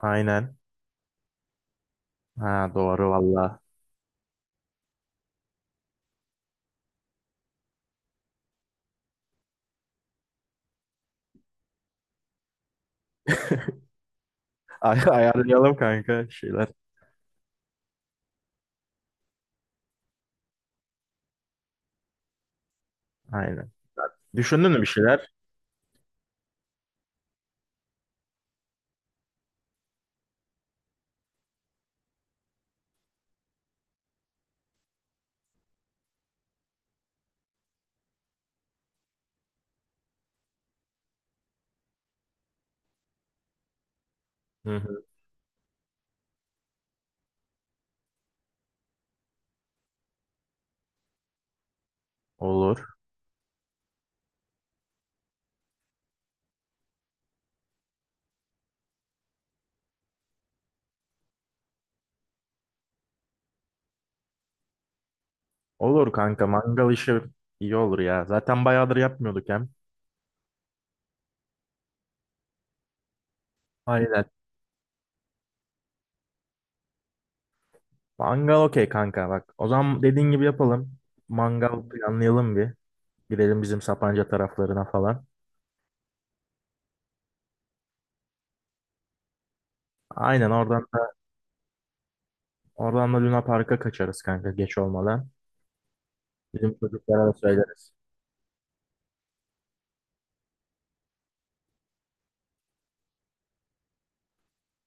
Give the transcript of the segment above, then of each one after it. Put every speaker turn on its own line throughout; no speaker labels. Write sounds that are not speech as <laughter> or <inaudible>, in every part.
Aynen. Ha doğru valla. <laughs> Ayarlayalım kanka şeyler. Aynen. Düşündün mü bir şeyler? Hı hı. Olur. Olur kanka mangal işi iyi olur ya. Zaten bayağıdır yapmıyorduk hem. Aynen. Mangal okey kanka bak. O zaman dediğin gibi yapalım. Mangal planlayalım bir. Gidelim bizim Sapanca taraflarına falan. Aynen oradan da, oradan da Luna Park'a kaçarız kanka geç olmadan. Bizim çocuklara da söyleriz.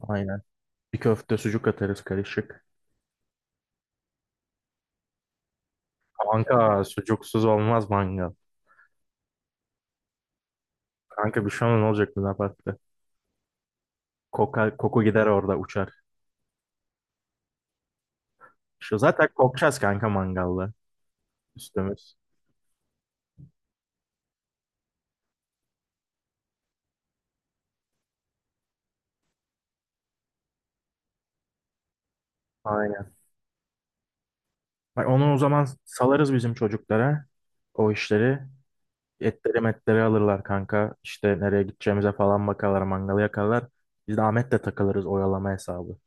Aynen. Bir köfte sucuk atarız karışık. Kanka sucuksuz olmaz mangal. Kanka bir şey olmaz, ne olacak Luna Park'ta? Koka, koku gider orada uçar. Şu zaten kokacağız kanka mangalda üstümüz. Aynen. Bak onu o zaman salarız bizim çocuklara. O işleri. Etleri metleri alırlar kanka. İşte nereye gideceğimize falan bakarlar. Mangalı yakarlar. Biz de Ahmet'le takılırız oyalama hesabı.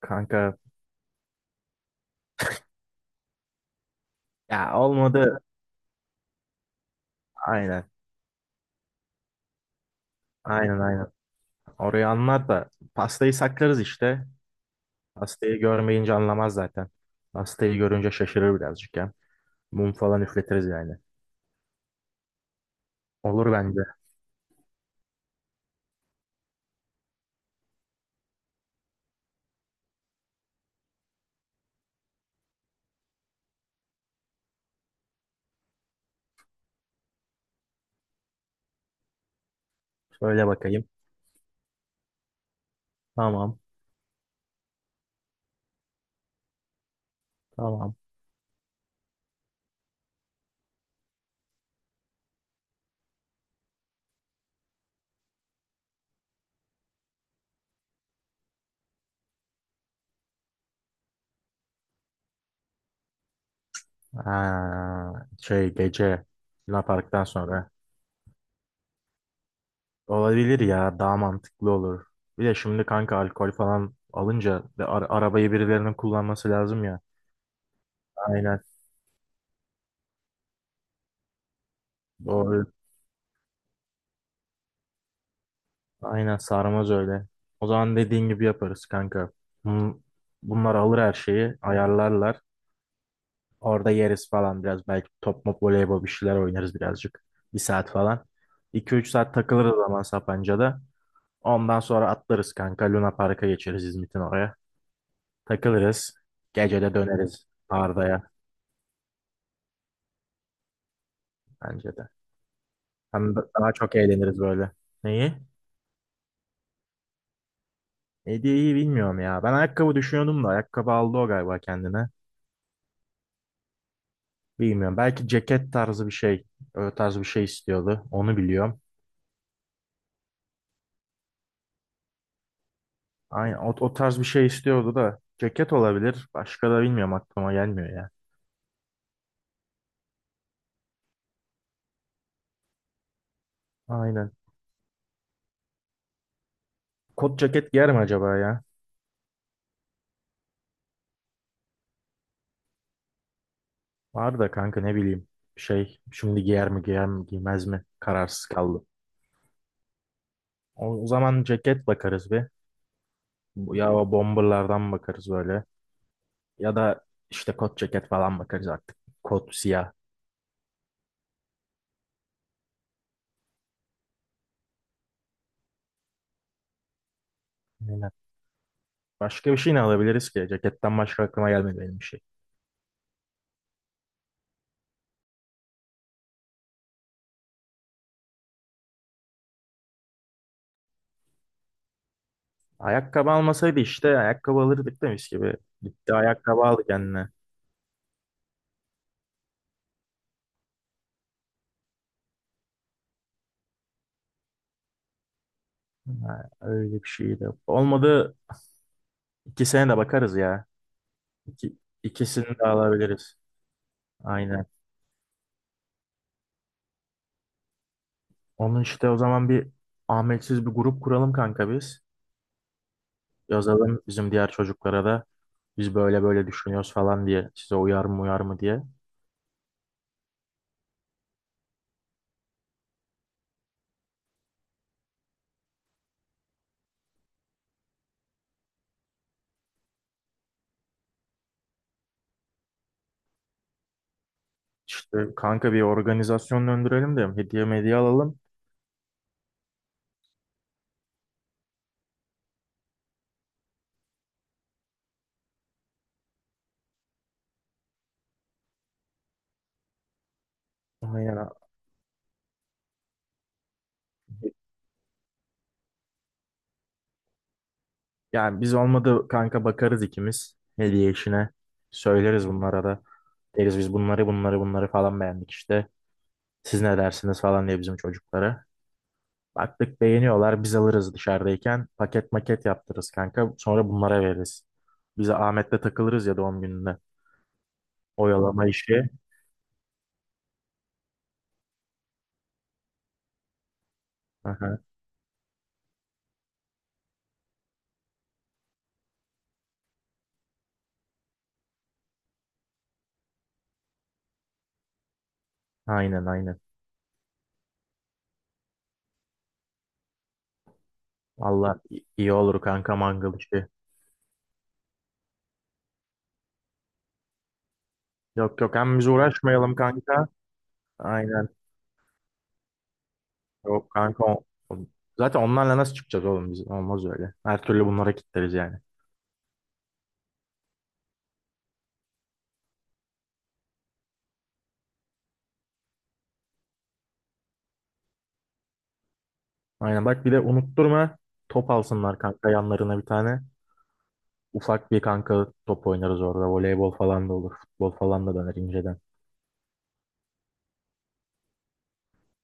Kanka ya olmadı. Aynen. Aynen aynen. Orayı anlar da pastayı saklarız işte. Pastayı görmeyince anlamaz zaten. Pastayı görünce şaşırır birazcık ya. Mum falan üfletiriz yani. Olur bence. Şöyle bakayım. Tamam. Tamam. Ha, şey gece Luna Park'tan sonra. Olabilir ya. Daha mantıklı olur. Bir de şimdi kanka alkol falan alınca ve arabayı birilerinin kullanması lazım ya. Aynen. Doğru. Aynen sarmaz öyle. O zaman dediğin gibi yaparız kanka. Bun- Bunlar alır her şeyi. Ayarlarlar. Orada yeriz falan biraz. Belki top mop voleybol bir şeyler oynarız birazcık. Bir saat falan. 2 üç saat takılırız zaman Sapanca'da. Ondan sonra atlarız kanka. Luna Park'a geçeriz İzmit'in oraya. Takılırız. Gece de döneriz Arda'ya bence de. Hem de daha çok eğleniriz böyle. Neyi? Hediyeyi bilmiyorum ya. Ben ayakkabı düşünüyordum da ayakkabı aldı o galiba kendine. Bilmiyorum. Belki ceket tarzı bir şey. Öyle tarz bir şey istiyordu. Onu biliyorum. Aynen o, o tarz bir şey istiyordu da. Ceket olabilir. Başka da bilmiyorum aklıma gelmiyor ya. Aynen. Kot ceket giyer mi acaba ya? Var da kanka ne bileyim şey şimdi giyer mi giyer mi giymez mi kararsız kaldım. O, o zaman ceket bakarız bir. Ya o bomberlardan bakarız böyle. Ya da işte kot ceket falan bakarız artık. Kot siyah. Aynen. Başka bir şey ne alabiliriz ki? Ceketten başka aklıma gelmedi benim bir şey. Ayakkabı almasaydı işte ayakkabı alırdık demiş gibi. Gitti ayakkabı aldı kendine. Ha, öyle bir şey de. Olmadı ikisine de bakarız ya. İki, ikisini de alabiliriz. Aynen. Onun işte o zaman bir Ahmetsiz bir grup kuralım kanka biz. Yazalım bizim diğer çocuklara da biz böyle böyle düşünüyoruz falan diye. Size uyar mı uyar mı diye. İşte kanka bir organizasyon döndürelim de hediye medya alalım. Aynen. Yani biz olmadı kanka bakarız ikimiz hediye işine. Söyleriz bunlara da. Deriz biz bunları bunları bunları falan beğendik işte. Siz ne dersiniz falan diye bizim çocuklara. Baktık beğeniyorlar biz alırız dışarıdayken paket maket yaptırırız kanka sonra bunlara veririz. Bize Ahmet'le takılırız ya doğum gününde. Oyalama işi. Aha, aynen aynen. Allah iyi olur kanka mangal işi. Yok yok hem biz uğraşmayalım kanka. Aynen yok kanka. O- Zaten onlarla nasıl çıkacağız oğlum biz? Olmaz öyle. Her türlü bunlara kitleriz yani. Aynen bak bir de unutturma top alsınlar kanka yanlarına bir tane. Ufak bir kanka top oynarız orada. Voleybol falan da olur. Futbol falan da döner inceden.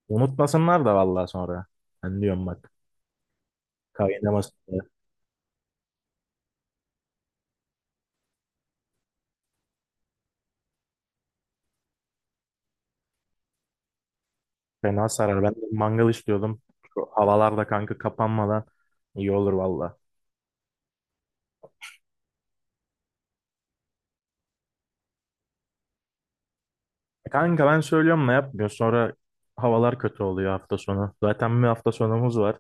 Unutmasınlar da vallahi sonra. Ben diyorum bak. Kaynaması fena sarar. Ben de mangal istiyordum. Şu havalarda kanka kapanmadan iyi olur valla. Kanka ben söylüyorum ne yapmıyor. Sonra havalar kötü oluyor hafta sonu. Zaten bir hafta sonumuz var.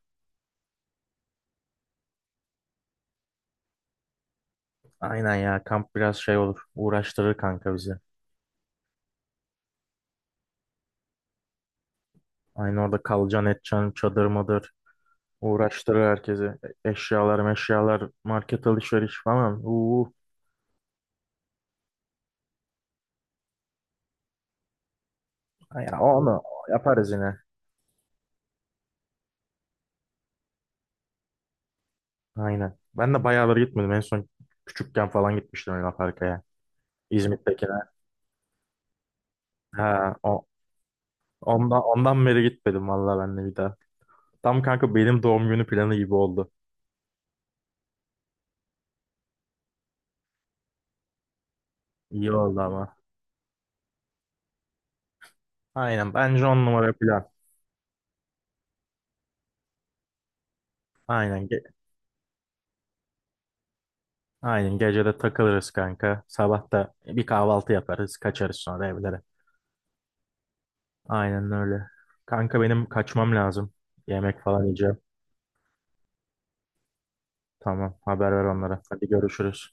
Aynen ya kamp biraz şey olur. Uğraştırır kanka bizi. Aynı orada kalacaksın edeceksin çadır mıdır. Uğraştırır herkesi. Eşyalar meşyalar market alışveriş falan. Uuu. Ya onu yaparız yine. Aynen. Ben de bayağıları gitmedim. En son küçükken falan gitmiştim Luna Park'a. İzmit'tekine. Ha, o, ondan, ondan beri gitmedim valla ben de bir daha. Tam kanka benim doğum günü planı gibi oldu. İyi oldu ama. Aynen bence on numara plan. Aynen. Aynen gecede takılırız kanka. Sabah da bir kahvaltı yaparız. Kaçarız sonra evlere. Aynen öyle. Kanka benim kaçmam lazım. Yemek falan yiyeceğim. Tamam haber ver onlara. Hadi görüşürüz.